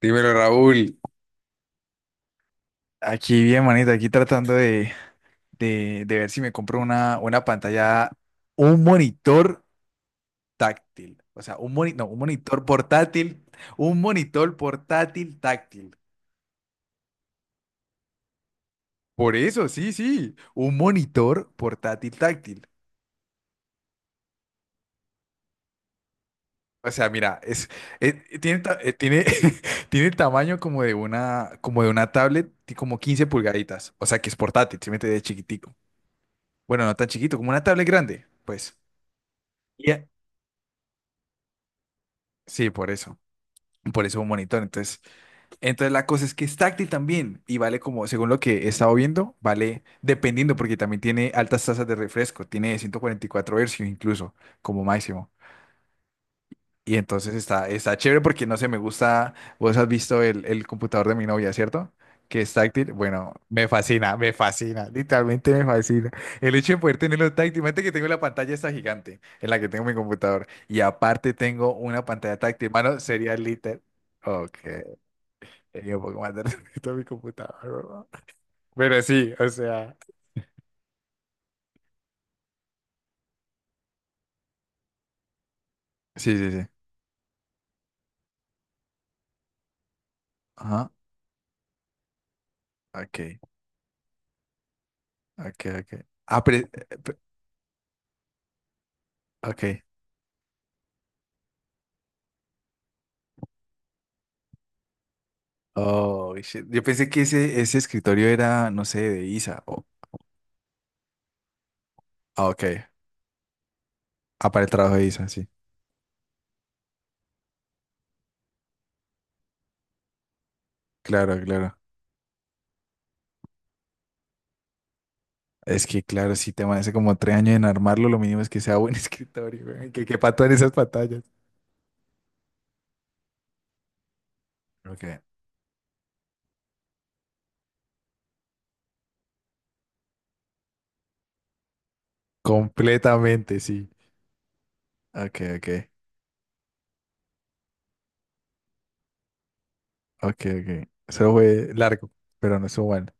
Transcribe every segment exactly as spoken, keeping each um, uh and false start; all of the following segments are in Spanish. Dímelo, Raúl. Aquí bien, manito, aquí tratando de, de, de ver si me compro una, una pantalla, un monitor táctil. O sea, un moni, no, un monitor portátil, un monitor portátil táctil. Por eso, sí, sí, un monitor portátil táctil. O sea, mira, es, es- tiene, ta- eh, tiene, tiene el tamaño como de una, como de una tablet, y como quince pulgaditas. O sea, que es portátil, se mete de chiquitico. Bueno, no tan chiquito, como una tablet grande, pues. Sí, por eso. Por eso un monitor. Entonces, entonces la cosa es que es táctil también y vale como, según lo que he estado viendo, vale dependiendo porque también tiene altas tasas de refresco. Tiene ciento cuarenta y cuatro Hz incluso como máximo. Y entonces está, está chévere porque no sé, me gusta. Vos has visto el, el computador de mi novia, ¿cierto? Que es táctil. Bueno, me fascina, me fascina, literalmente me fascina. El hecho de poder tenerlo táctil. Imagínate que tengo la pantalla esta gigante en la que tengo mi computador. Y aparte tengo una pantalla táctil. Mano, sería literal. Ok, tenía un poco más de respeto a mi computador, ¿no? Pero sí, o sea. Sí, sí, sí. Ajá. Ok, ok, ok. Ah, pero- eh, pe- ok. Oh, shit. Yo pensé que ese, ese escritorio era, no sé, de Isa. O- ah, ok. Ah, para el trabajo de Isa, sí. Claro, claro. Es que, claro, si te hace como tres años en armarlo, lo mínimo es que sea buen escritorio, güey, Que quepa todas esas pantallas. Ok. Completamente, sí. Ok, ok. Ok, ok. Eso fue largo, pero no estuvo bueno.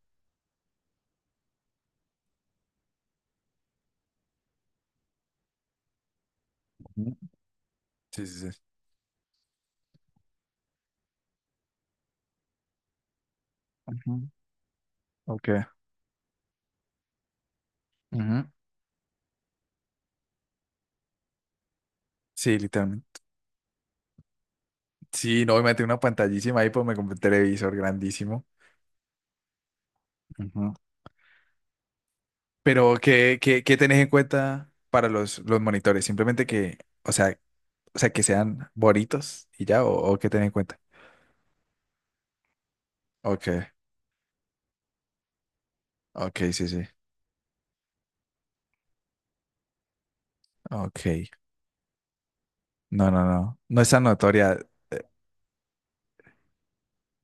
Ujú. Sí, sí, sí. Ujú. Ok. Ujú. Sí, literalmente. Sí, no, me metí una pantallísima ahí, pues me compré un televisor grandísimo. Ujú. Pero, ¿qué, qué, qué tenés en cuenta para los, los monitores? Simplemente que, o sea, o sea, que sean bonitos y ya, o, o qué tenés en cuenta. Ok, ok, sí, sí. Ok. No, no, no. No es tan notoria.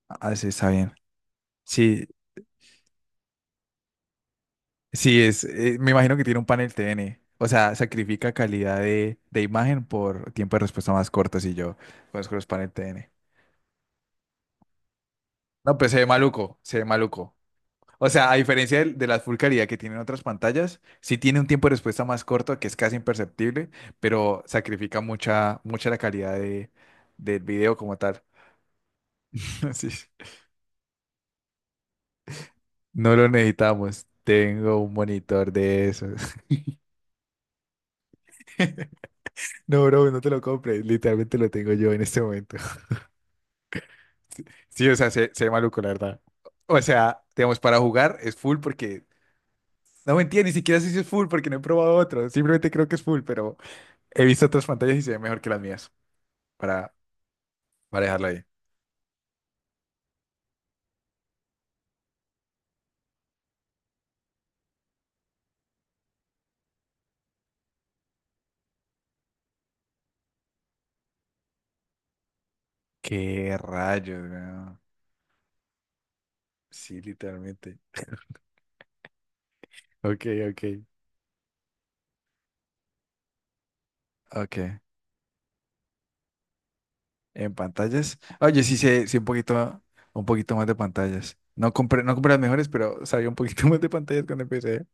Ah, sí, está bien. Sí, sí, es. Eh, me imagino que tiene un panel T N. O sea, sacrifica calidad de, de imagen por tiempo de respuesta más corto si yo conozco los panel T N. No, pues se ve maluco, se ve maluco. O sea, a diferencia de de, la Full calidad que tienen otras pantallas, sí tiene un tiempo de respuesta más corto que es casi imperceptible, pero sacrifica mucha, mucha la calidad de, del video como tal. Sí. No lo necesitamos. Tengo un monitor de esos. No, bro, no te lo compres. Literalmente lo tengo yo en este momento. Sí, o sea, se, se ve maluco, la verdad. O sea, digamos, para jugar es full porque... No mentira, ni siquiera sé si es full porque no he probado otro. Simplemente creo que es full, pero he visto otras pantallas y se ve mejor que las mías. Para, para dejarlo ahí. Qué rayos, weón. Sí, literalmente. Ok, ok, ok. En pantallas. Oye, sí sé, sí, un poquito, un poquito más de pantallas. No compré, no compré las mejores, pero sabía un poquito más de pantallas cuando empecé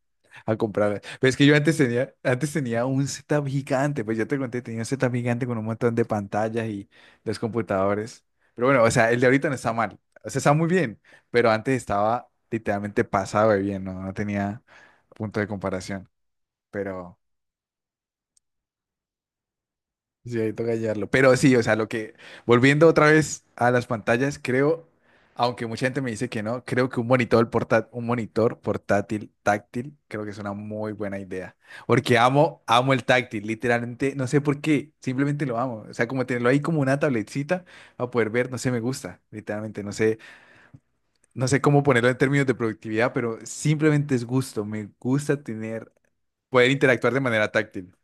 a comprarlas. Pero es que yo antes tenía, antes tenía un setup gigante, pues ya te conté, tenía un setup gigante con un montón de pantallas y los computadores. Pero bueno, o sea, el de ahorita no está mal. O sea, está muy bien, pero antes estaba literalmente pasado de bien, ¿no? No tenía punto de comparación. Pero Sí, ahí toca hallarlo. Pero sí, o sea, lo que, volviendo otra vez a las pantallas, creo, aunque mucha gente me dice que no, creo que un monitor portátil, un monitor portátil táctil, creo que es una muy buena idea. Porque amo, amo el táctil, literalmente, no sé por qué, simplemente lo amo. O sea, como tenerlo ahí como una tabletcita a poder ver, no sé, me gusta, literalmente, no sé, no sé cómo ponerlo en términos de productividad, pero simplemente es gusto, me gusta tener, poder interactuar de manera táctil.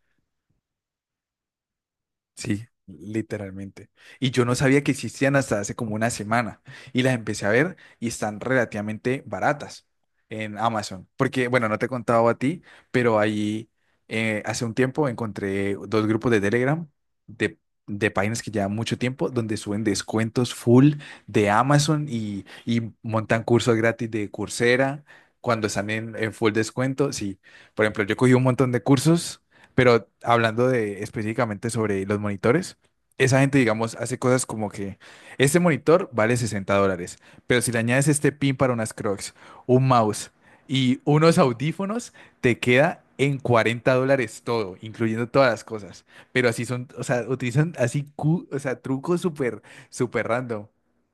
Sí, literalmente. Y yo no sabía que existían hasta hace como una semana. Y las empecé a ver y están relativamente baratas en Amazon. Porque, bueno, no te he contado a ti, pero ahí eh, hace un tiempo encontré dos grupos de Telegram de, de páginas que llevan mucho tiempo donde suben descuentos full de Amazon y, y montan cursos gratis de Coursera cuando están en, en full descuento. Sí, por ejemplo, yo cogí un montón de cursos. Pero hablando de específicamente sobre los monitores, esa gente, digamos, hace cosas como que este monitor vale sesenta dólares, pero si le añades este pin para unas Crocs, un mouse y unos audífonos, te queda en cuarenta dólares todo, incluyendo todas las cosas. Pero así son, o sea, utilizan así, cu- o sea, trucos súper, súper random.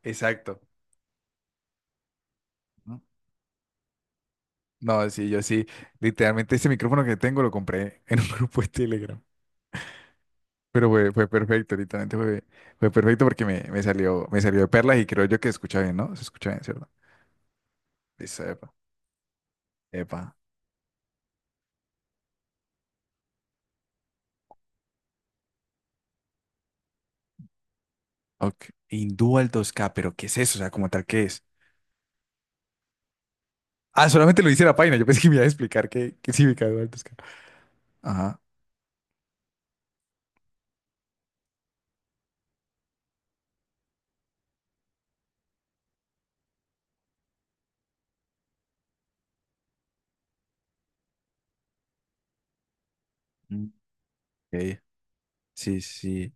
Exacto. No, sí, yo sí, literalmente este micrófono que tengo lo compré en un grupo de Telegram. Pero fue, fue perfecto, literalmente fue, fue perfecto porque me, me salió, me salió de perlas y creo yo que se escucha bien, ¿no? Se escucha bien, ¿cierto? Listo, epa, epa. Ok. Hindú al dos K, pero ¿qué es eso? O sea, como tal, ¿qué es? Ah, solamente lo dice la página. Yo pensé que me iba a explicar qué, qué significa Hindú al dos K. Ajá. Mm, ok. Sí, sí.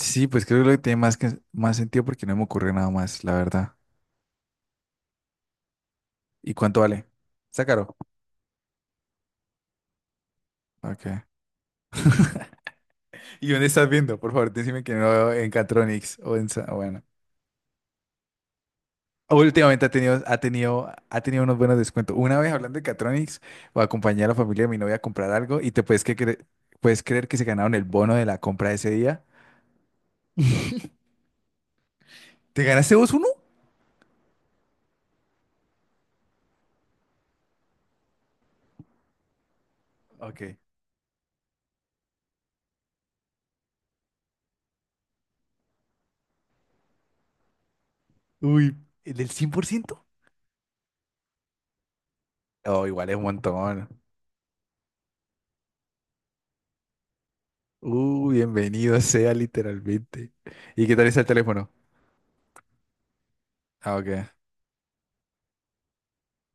Sí, pues creo que lo que tiene más, que, más sentido porque no me ocurre nada más, la verdad. ¿Y cuánto vale? ¿Está caro? Ok. ¿Y dónde estás viendo? Por favor, decime que no en Catronics o en... Sa- Bueno. Últimamente ha tenido, ha tenido, ha tenido unos buenos descuentos. Una vez hablando de Catronics, acompañé a la familia de mi novia a comprar algo y te puedes, que cre- puedes creer que se ganaron el bono de la compra de ese día. ¿Te ganaste vos uno? Ok. Uy, ¿el del cien por ciento? Oh, igual es un montón. Uy, bienvenido sea literalmente. ¿Y qué tal está el teléfono? Ah, ok.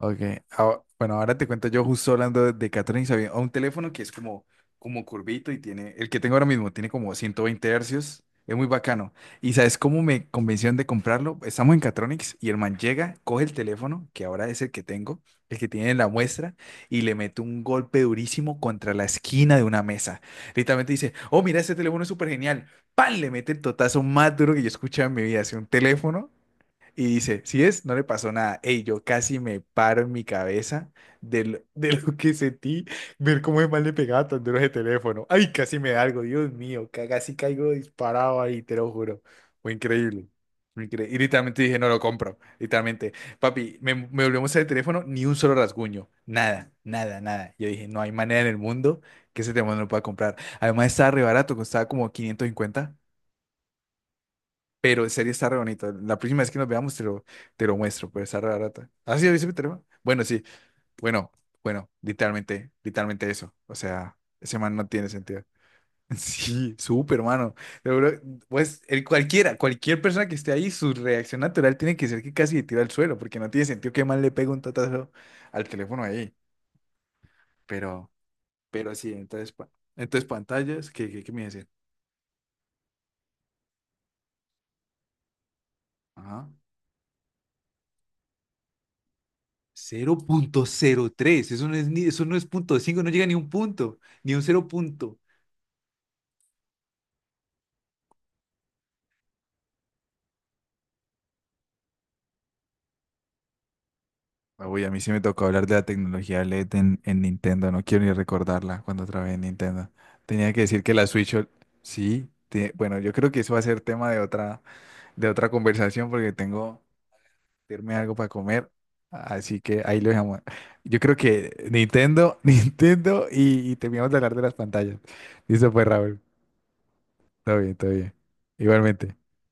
Ok, ah, bueno, ahora te cuento yo justo hablando de, de Catherine Sabine, a un teléfono que es como, como curvito y tiene, el que tengo ahora mismo tiene como ciento veinte hercios, es muy bacano. ¿Y sabes cómo me convencieron de comprarlo? Estamos en Catronics y el man llega, coge el teléfono, que ahora es el que tengo, el que tiene en la muestra, y le mete un golpe durísimo contra la esquina de una mesa. Literalmente dice, oh, mira, este teléfono es súper genial. Pan. Le mete el totazo más duro que yo he escuchado en mi vida. Hace un teléfono y dice, si es, no le pasó nada. Ey, yo casi me paro en mi cabeza de lo, de lo que sentí, ver cómo es mal le pegaba tan duro ese teléfono. Ay, casi me da algo, Dios mío, ca- casi caigo disparado ahí, te lo juro. Fue increíble. fue incre- Y literalmente dije, no lo compro. Literalmente, papi, me, me volvió a mostrar el teléfono, ni un solo rasguño. Nada, nada, nada. Yo dije, no hay manera en el mundo que ese teléfono no lo pueda comprar. Además, estaba re barato, costaba como quinientos cincuenta, pero en serio está re bonito. La próxima vez que nos veamos te lo, te lo muestro, pero está re barata. ¿Ah, sí, viste mi teléfono? Bueno, sí. Bueno, bueno, literalmente, literalmente eso. O sea, ese man no tiene sentido. Sí, súper, mano. Seguro, pues el cualquiera, cualquier persona que esté ahí, su reacción natural tiene que ser que casi le tira al suelo, porque no tiene sentido que mal le pegue un tatazo al teléfono ahí. Pero, pero sí, entonces, pa- entonces pantallas, ¿qué, qué, qué me iba a decir? Ajá. cero cero punto cero tres, eso no es ni, eso no es punto cinco, no llega ni un punto, ni un cero punto. Ah, uy, a mí sí me tocó hablar de la tecnología LED en, en Nintendo. No quiero ni recordarla cuando trabajé en Nintendo. Tenía que decir que la Switch, O L- sí. Te- bueno, yo creo que eso va a ser tema de otra, de otra conversación porque tengo que irme algo para comer. Así que ahí lo dejamos. Yo creo que Nintendo, Nintendo y, y terminamos de hablar de las pantallas. Listo, pues, Raúl. Todo bien, todo bien. Igualmente.